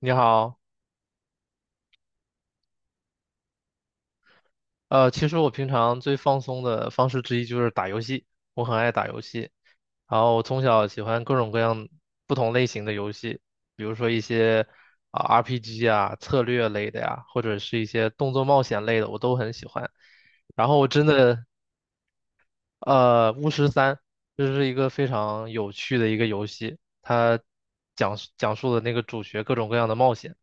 你好，其实我平常最放松的方式之一就是打游戏，我很爱打游戏，然后我从小喜欢各种各样不同类型的游戏，比如说一些啊、RPG 啊、策略类的呀，或者是一些动作冒险类的，我都很喜欢。然后我真的，《巫师三》这是一个非常有趣的一个游戏，它讲述的那个主角各种各样的冒险。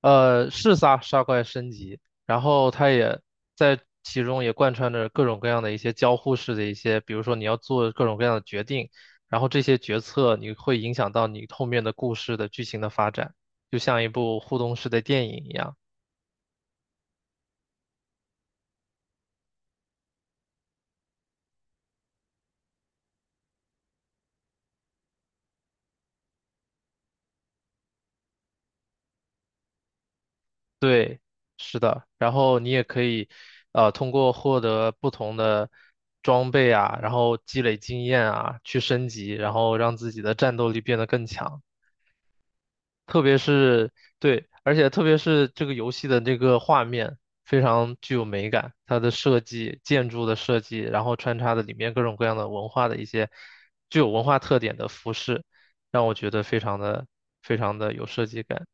是杀怪升级，然后它也在其中也贯穿着各种各样的一些交互式的一些，比如说你要做各种各样的决定，然后这些决策你会影响到你后面的故事的剧情的发展，就像一部互动式的电影一样。对，是的，然后你也可以，通过获得不同的装备啊，然后积累经验啊，去升级，然后让自己的战斗力变得更强。特别是对，而且特别是这个游戏的这个画面非常具有美感，它的设计、建筑的设计，然后穿插的里面各种各样的文化的一些具有文化特点的服饰，让我觉得非常的有设计感。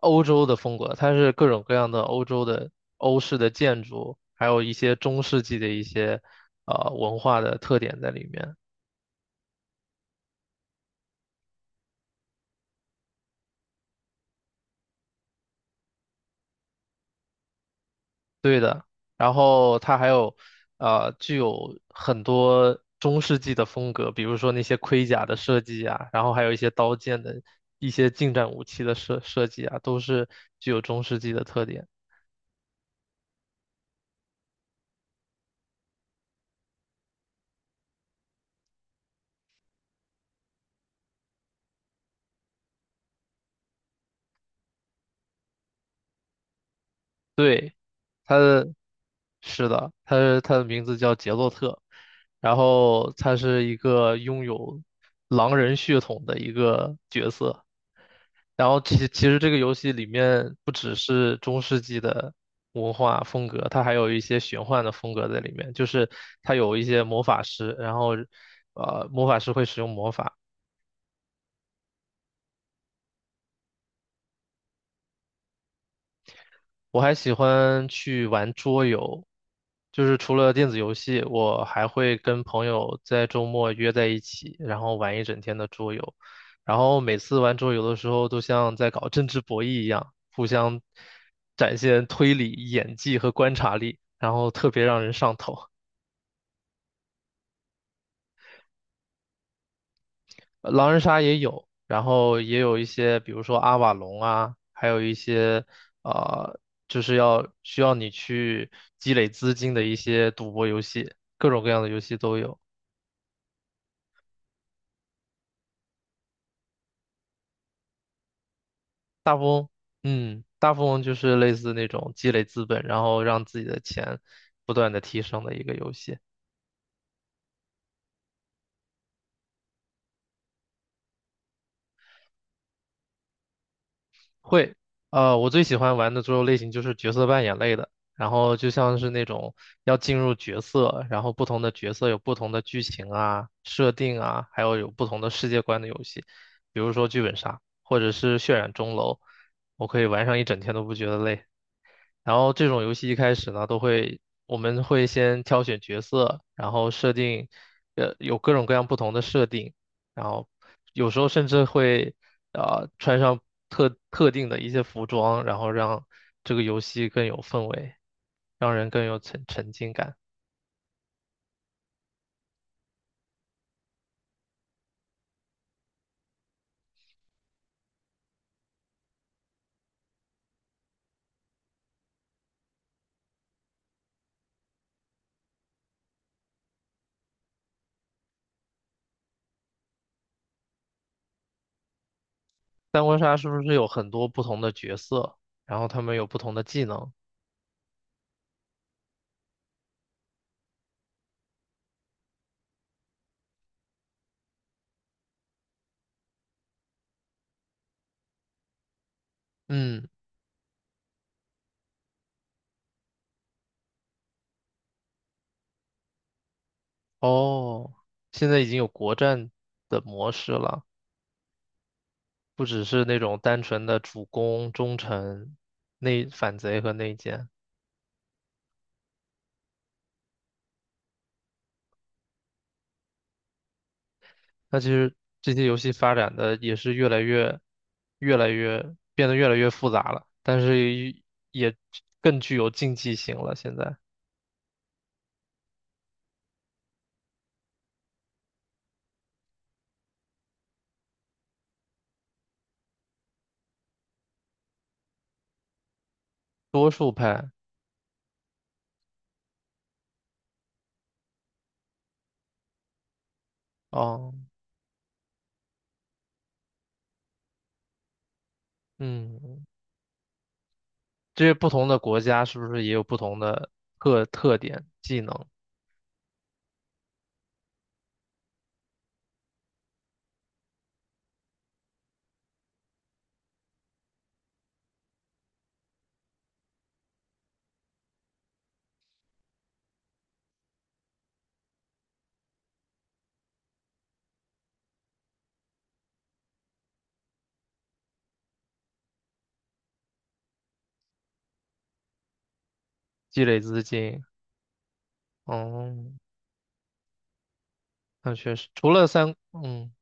欧洲的风格，它是各种各样的欧洲的欧式的建筑，还有一些中世纪的一些文化的特点在里面。对的，然后它还有，具有很多中世纪的风格，比如说那些盔甲的设计啊，然后还有一些刀剑的一些近战武器的设计啊，都是具有中世纪的特点。它的，是的，它的名字叫杰洛特，然后它是一个拥有狼人血统的一个角色。然后其实这个游戏里面不只是中世纪的文化风格，它还有一些玄幻的风格在里面。就是它有一些魔法师，然后魔法师会使用魔法，我还喜欢去玩桌游，就是除了电子游戏，我还会跟朋友在周末约在一起，然后玩一整天的桌游。然后每次玩桌游的时候，都像在搞政治博弈一样，互相展现推理、演技和观察力，然后特别让人上头。狼人杀也有，然后也有一些，比如说阿瓦隆啊，还有一些呃，就是需要你去积累资金的一些赌博游戏，各种各样的游戏都有。大富翁，嗯，大富翁就是类似那种积累资本，然后让自己的钱不断的提升的一个游戏。会，我最喜欢玩的桌游类型就是角色扮演类的，然后就像是那种要进入角色，然后不同的角色有不同的剧情啊、设定啊，还有不同的世界观的游戏，比如说剧本杀或者是渲染钟楼，我可以玩上一整天都不觉得累。然后这种游戏一开始呢，我们会先挑选角色，然后设定，有各种各样不同的设定，然后有时候甚至会，穿上特定的一些服装，然后让这个游戏更有氛围，让人更有沉浸感。三国杀是不是有很多不同的角色，然后他们有不同的技能？嗯，哦，现在已经有国战的模式了。不只是那种单纯的主攻、忠臣、内反贼和内奸。那其实这些游戏发展的也是越来越变得越来越复杂了，但是也更具有竞技性了。现在多数派，哦，嗯，这些不同的国家是不是也有不同的特点、技能、积累资金？哦，那确实，除了三，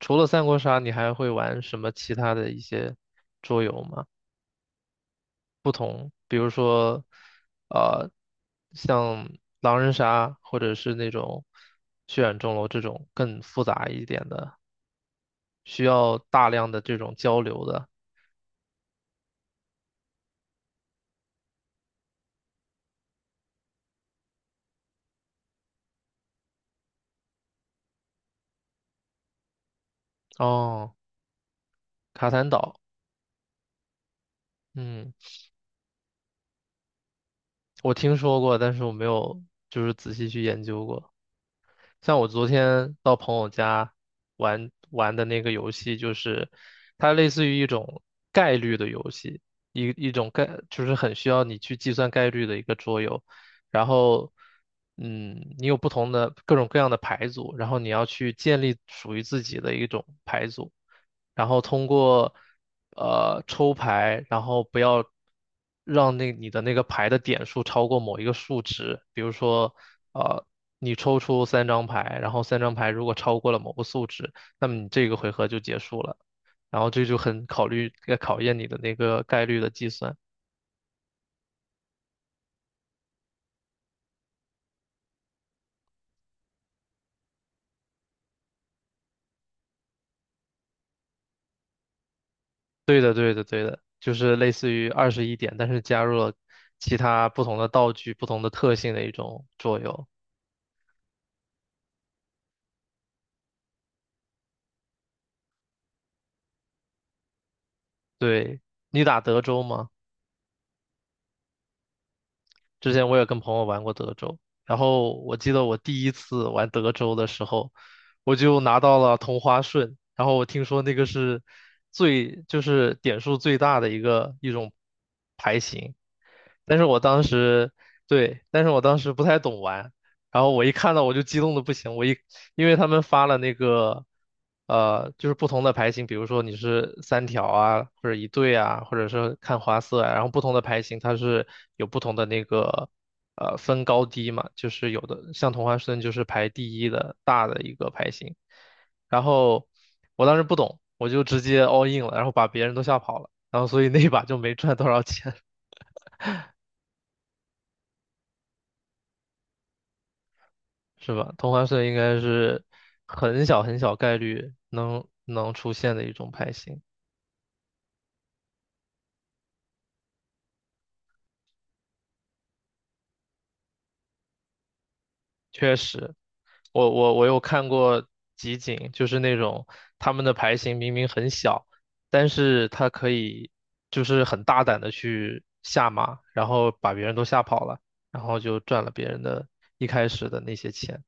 除了三国杀，你还会玩什么其他的一些桌游吗？不同，比如说，呃，像狼人杀，或者是那种血染钟楼这种更复杂一点的，需要大量的这种交流的。哦，卡坦岛，嗯，我听说过，但是我没有就是仔细去研究过。像我昨天到朋友家玩的那个游戏，就是它类似于一种概率的游戏，一一种概就是很需要你去计算概率的一个桌游。然后，嗯，你有不同的各种各样的牌组，然后你要去建立属于自己的一种牌组。然后通过抽牌，然后不要让那你的那个牌的点数超过某一个数值，比如说呃你抽出三张牌，然后三张牌如果超过了某个数值，那么你这个回合就结束了，然后这就很考验你的那个概率的计算。对的，对的，对的，就是类似于二十一点，但是加入了其他不同的道具、不同的特性的一种作用。对，你打德州吗？之前我也跟朋友玩过德州，然后我记得我第一次玩德州的时候，我就拿到了同花顺，然后我听说那个是就是点数最大的一个一种牌型，但是我当时，对，但是我当时不太懂玩，然后我一看到我就激动的不行，因为他们发了那个，就是不同的牌型，比如说你是三条啊，或者一对啊，或者是看花色啊，然后不同的牌型它是有不同的那个，分高低嘛，就是有的像同花顺就是排第一的大的一个牌型，然后我当时不懂，我就直接 all in 了，然后把别人都吓跑了，然后所以那一把就没赚多少钱，是吧？同花顺应该是很小很小概率能出现的一种牌型。确实，我有看过集锦，就是那种他们的牌型明明很小，但是他可以就是很大胆的去下马，然后把别人都吓跑了，然后就赚了别人的一开始的那些钱。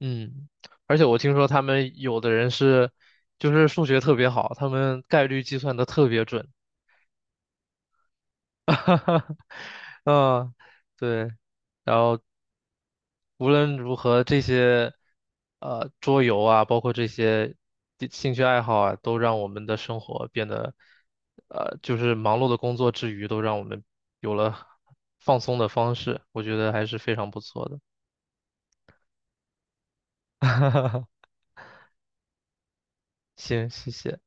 嗯，而且我听说他们有的人是就是数学特别好，他们概率计算的特别准。哈哈，嗯，对。然后无论如何，这些桌游啊，包括这些地兴趣爱好啊，都让我们的生活变得，就是忙碌的工作之余，都让我们有了放松的方式，我觉得还是非常不错的。行，谢谢。